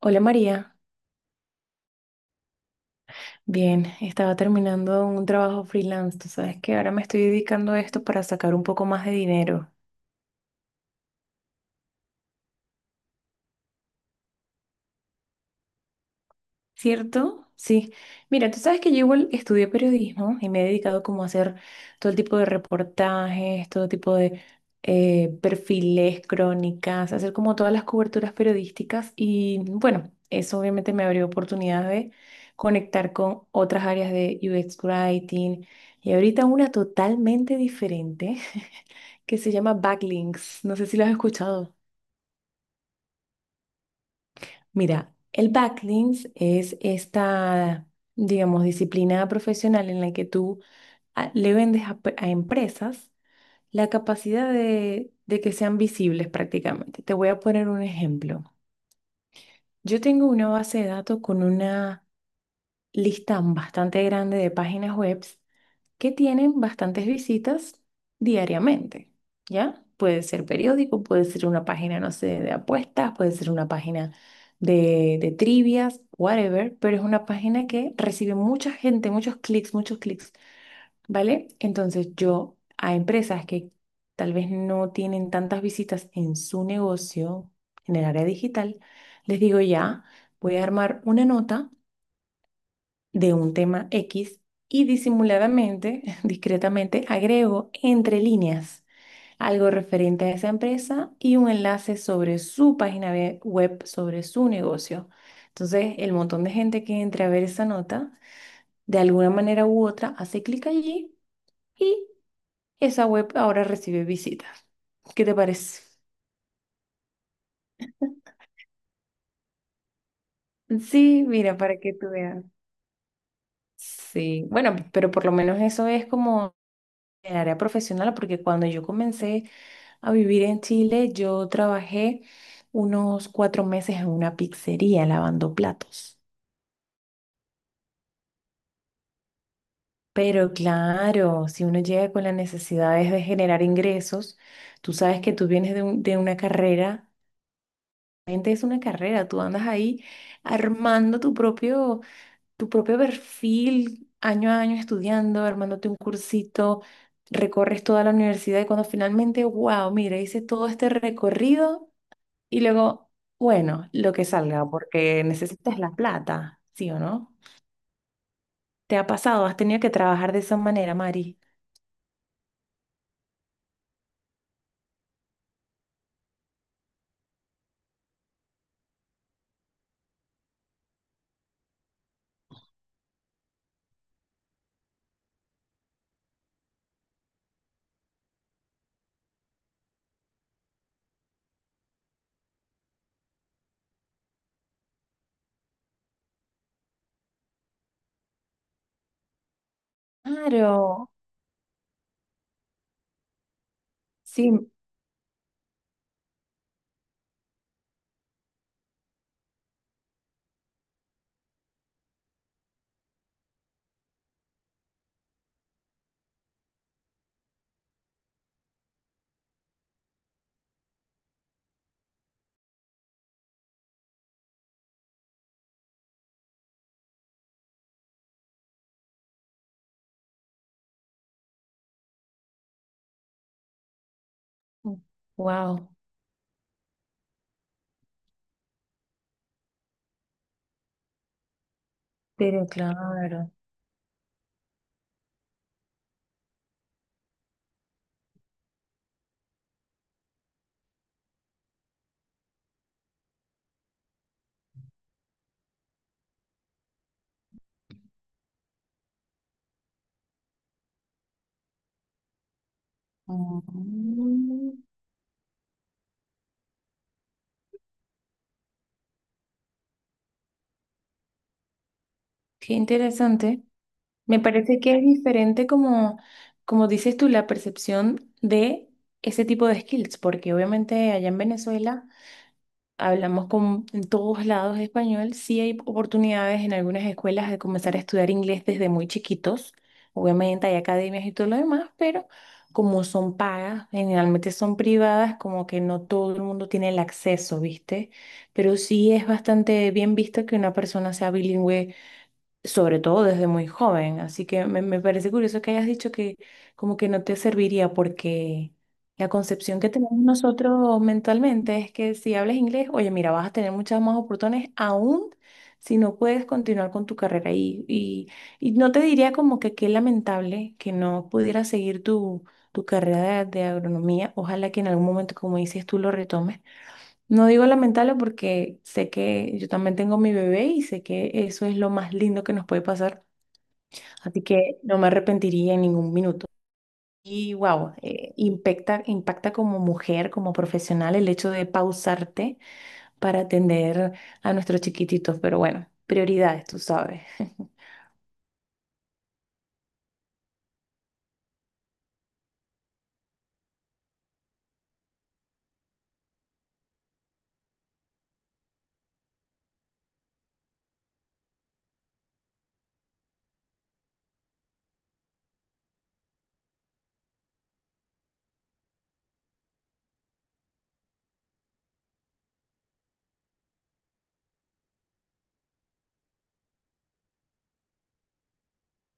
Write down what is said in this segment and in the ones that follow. Hola María, bien, estaba terminando un trabajo freelance, tú sabes que ahora me estoy dedicando a esto para sacar un poco más de dinero, ¿cierto? Sí, mira, tú sabes que yo igual estudié periodismo y me he dedicado como a hacer todo el tipo de reportajes, todo tipo de perfiles, crónicas, hacer como todas las coberturas periodísticas y bueno, eso obviamente me abrió oportunidad de conectar con otras áreas de UX Writing y ahorita una totalmente diferente. Que se llama backlinks. No sé si lo has escuchado. Mira, el backlinks es esta, digamos, disciplina profesional en la que tú le vendes a empresas la capacidad de que sean visibles prácticamente. Te voy a poner un ejemplo. Yo tengo una base de datos con una lista bastante grande de páginas web que tienen bastantes visitas diariamente, ¿ya? Puede ser periódico, puede ser una página, no sé, de apuestas, puede ser una página de trivias, whatever, pero es una página que recibe mucha gente, muchos clics, ¿vale? Entonces yo a empresas que tal vez no tienen tantas visitas en su negocio, en el área digital, les digo ya, voy a armar una nota de un tema X y disimuladamente, discretamente, agrego entre líneas algo referente a esa empresa y un enlace sobre su página web, sobre su negocio. Entonces, el montón de gente que entre a ver esa nota, de alguna manera u otra, hace clic allí y esa web ahora recibe visitas. ¿Qué te parece? Sí, mira, para que tú veas. Sí, bueno, pero por lo menos eso es como el área profesional, porque cuando yo comencé a vivir en Chile, yo trabajé unos 4 meses en una pizzería lavando platos. Pero claro, si uno llega con las necesidades de generar ingresos, tú sabes que tú vienes de una carrera, realmente es una carrera, tú andas ahí armando tu propio perfil, año a año estudiando, armándote un cursito, recorres toda la universidad y cuando finalmente, wow, mira, hice todo este recorrido. Y luego, bueno, lo que salga, porque necesitas la plata, ¿sí o no? ¿Te ha pasado? ¿Has tenido que trabajar de esa manera, Mari? Claro, sí. Wow, pero claro. Mm, qué interesante. Me parece que es diferente como, como dices tú, la percepción de ese tipo de skills, porque obviamente allá en Venezuela hablamos con en todos lados español, sí hay oportunidades en algunas escuelas de comenzar a estudiar inglés desde muy chiquitos. Obviamente hay academias y todo lo demás, pero como son pagas, generalmente son privadas, como que no todo el mundo tiene el acceso, ¿viste? Pero sí es bastante bien visto que una persona sea bilingüe sobre todo desde muy joven. Así que me parece curioso que hayas dicho que como que no te serviría porque la concepción que tenemos nosotros mentalmente es que si hablas inglés, oye, mira, vas a tener muchas más oportunidades aún si no puedes continuar con tu carrera. Y no te diría como que qué lamentable que no pudieras seguir tu, tu carrera de agronomía. Ojalá que en algún momento, como dices, tú lo retomes. No digo lamentarlo porque sé que yo también tengo mi bebé y sé que eso es lo más lindo que nos puede pasar, así que no me arrepentiría en ningún minuto. Y wow, impacta, impacta como mujer, como profesional, el hecho de pausarte para atender a nuestros chiquititos, pero bueno, prioridades, tú sabes.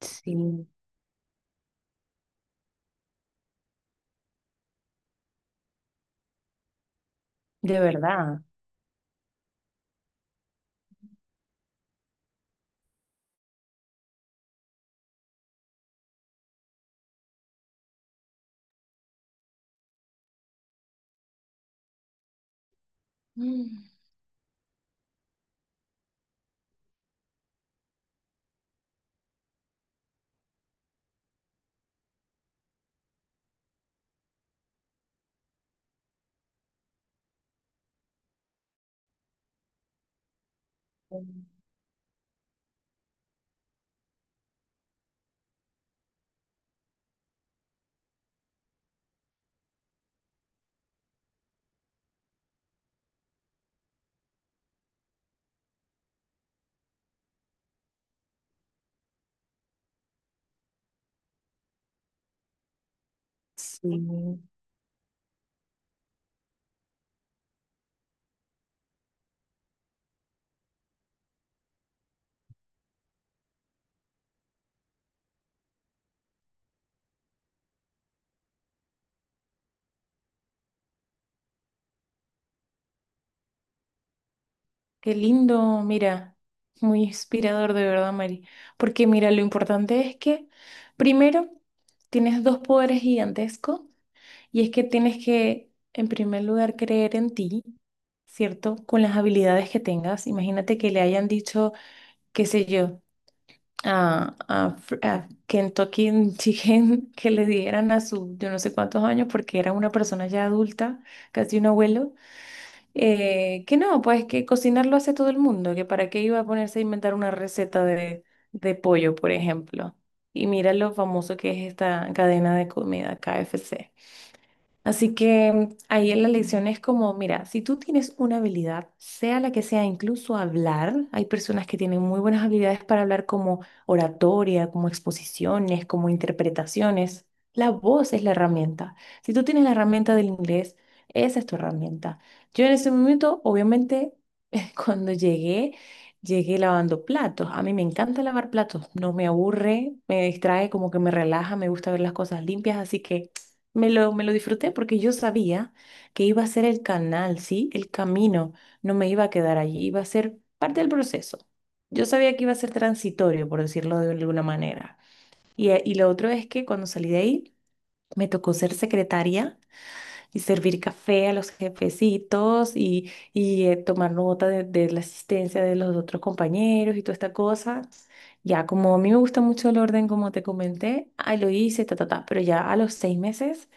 Sí, de verdad. Mm. Sí. Qué lindo, mira, muy inspirador de verdad, Mari. Porque mira, lo importante es que primero tienes dos poderes gigantescos y es que tienes que, en primer lugar, creer en ti, ¿cierto? Con las habilidades que tengas. Imagínate que le hayan dicho, qué sé yo, a Kentucky Chicken que le dieran a su, yo no sé cuántos años, porque era una persona ya adulta, casi un abuelo que no, pues que cocinar lo hace todo el mundo, que para qué iba a ponerse a inventar una receta de pollo, por ejemplo. Y mira lo famoso que es esta cadena de comida, KFC. Así que ahí en la lección es como, mira, si tú tienes una habilidad, sea la que sea, incluso hablar, hay personas que tienen muy buenas habilidades para hablar como oratoria, como exposiciones, como interpretaciones. La voz es la herramienta. Si tú tienes la herramienta del inglés, esa es tu herramienta. Yo en ese momento, obviamente, cuando llegué, llegué lavando platos. A mí me encanta lavar platos, no me aburre, me distrae, como que me relaja, me gusta ver las cosas limpias, así que me lo disfruté porque yo sabía que iba a ser el canal, ¿sí? El camino, no me iba a quedar allí, iba a ser parte del proceso. Yo sabía que iba a ser transitorio, por decirlo de alguna manera. Y lo otro es que cuando salí de ahí, me tocó ser secretaria y servir café a los jefecitos y tomar nota de la asistencia de los otros compañeros y toda esta cosa. Ya, como a mí me gusta mucho el orden, como te comenté, ahí lo hice, ta, ta, ta, pero ya a los 6 meses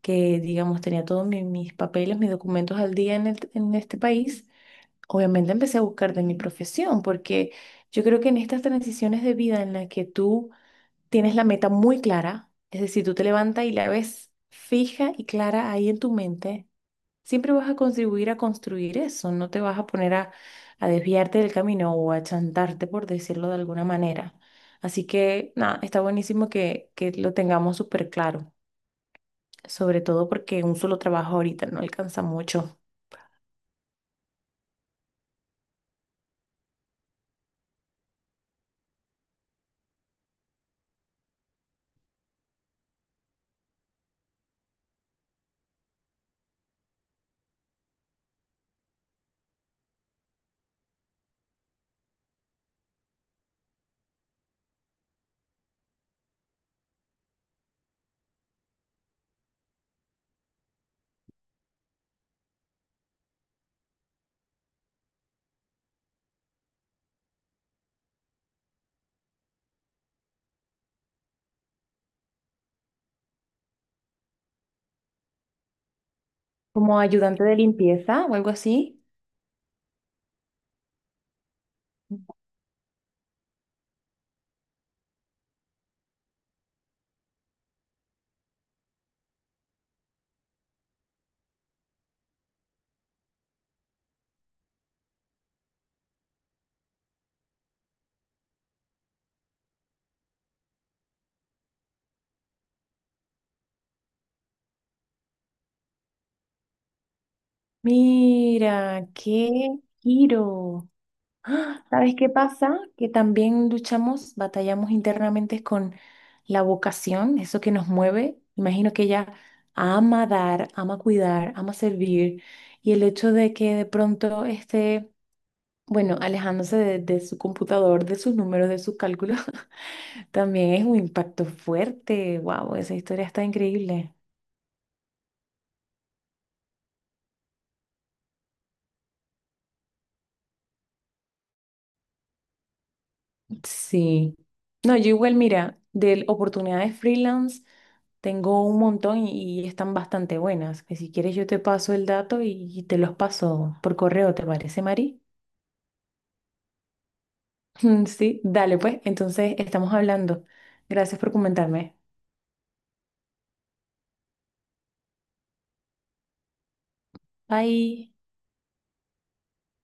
que, digamos, tenía todos mis papeles, mis documentos al día en, en este país, obviamente empecé a buscar de mi profesión, porque yo creo que en estas transiciones de vida en las que tú tienes la meta muy clara, es decir, tú te levantas y la ves fija y clara ahí en tu mente, siempre vas a contribuir a construir eso, no te vas a poner a desviarte del camino o a chantarte, por decirlo de alguna manera. Así que, nada, está buenísimo que lo tengamos súper claro, sobre todo porque un solo trabajo ahorita no alcanza mucho. Como ayudante de limpieza o algo así. Mira, qué giro. ¡Ah! ¿Sabes qué pasa? Que también luchamos, batallamos internamente con la vocación, eso que nos mueve. Imagino que ella ama dar, ama cuidar, ama servir. Y el hecho de que de pronto esté, bueno, alejándose de su computador, de sus números, de sus cálculos, también es un impacto fuerte. Wow, esa historia está increíble. Sí. No, yo igual, mira, de oportunidades freelance tengo un montón y están bastante buenas. Que si quieres yo te paso el dato y te los paso por correo, ¿te parece, Mari? Sí, dale pues, entonces estamos hablando. Gracias por comentarme. Bye.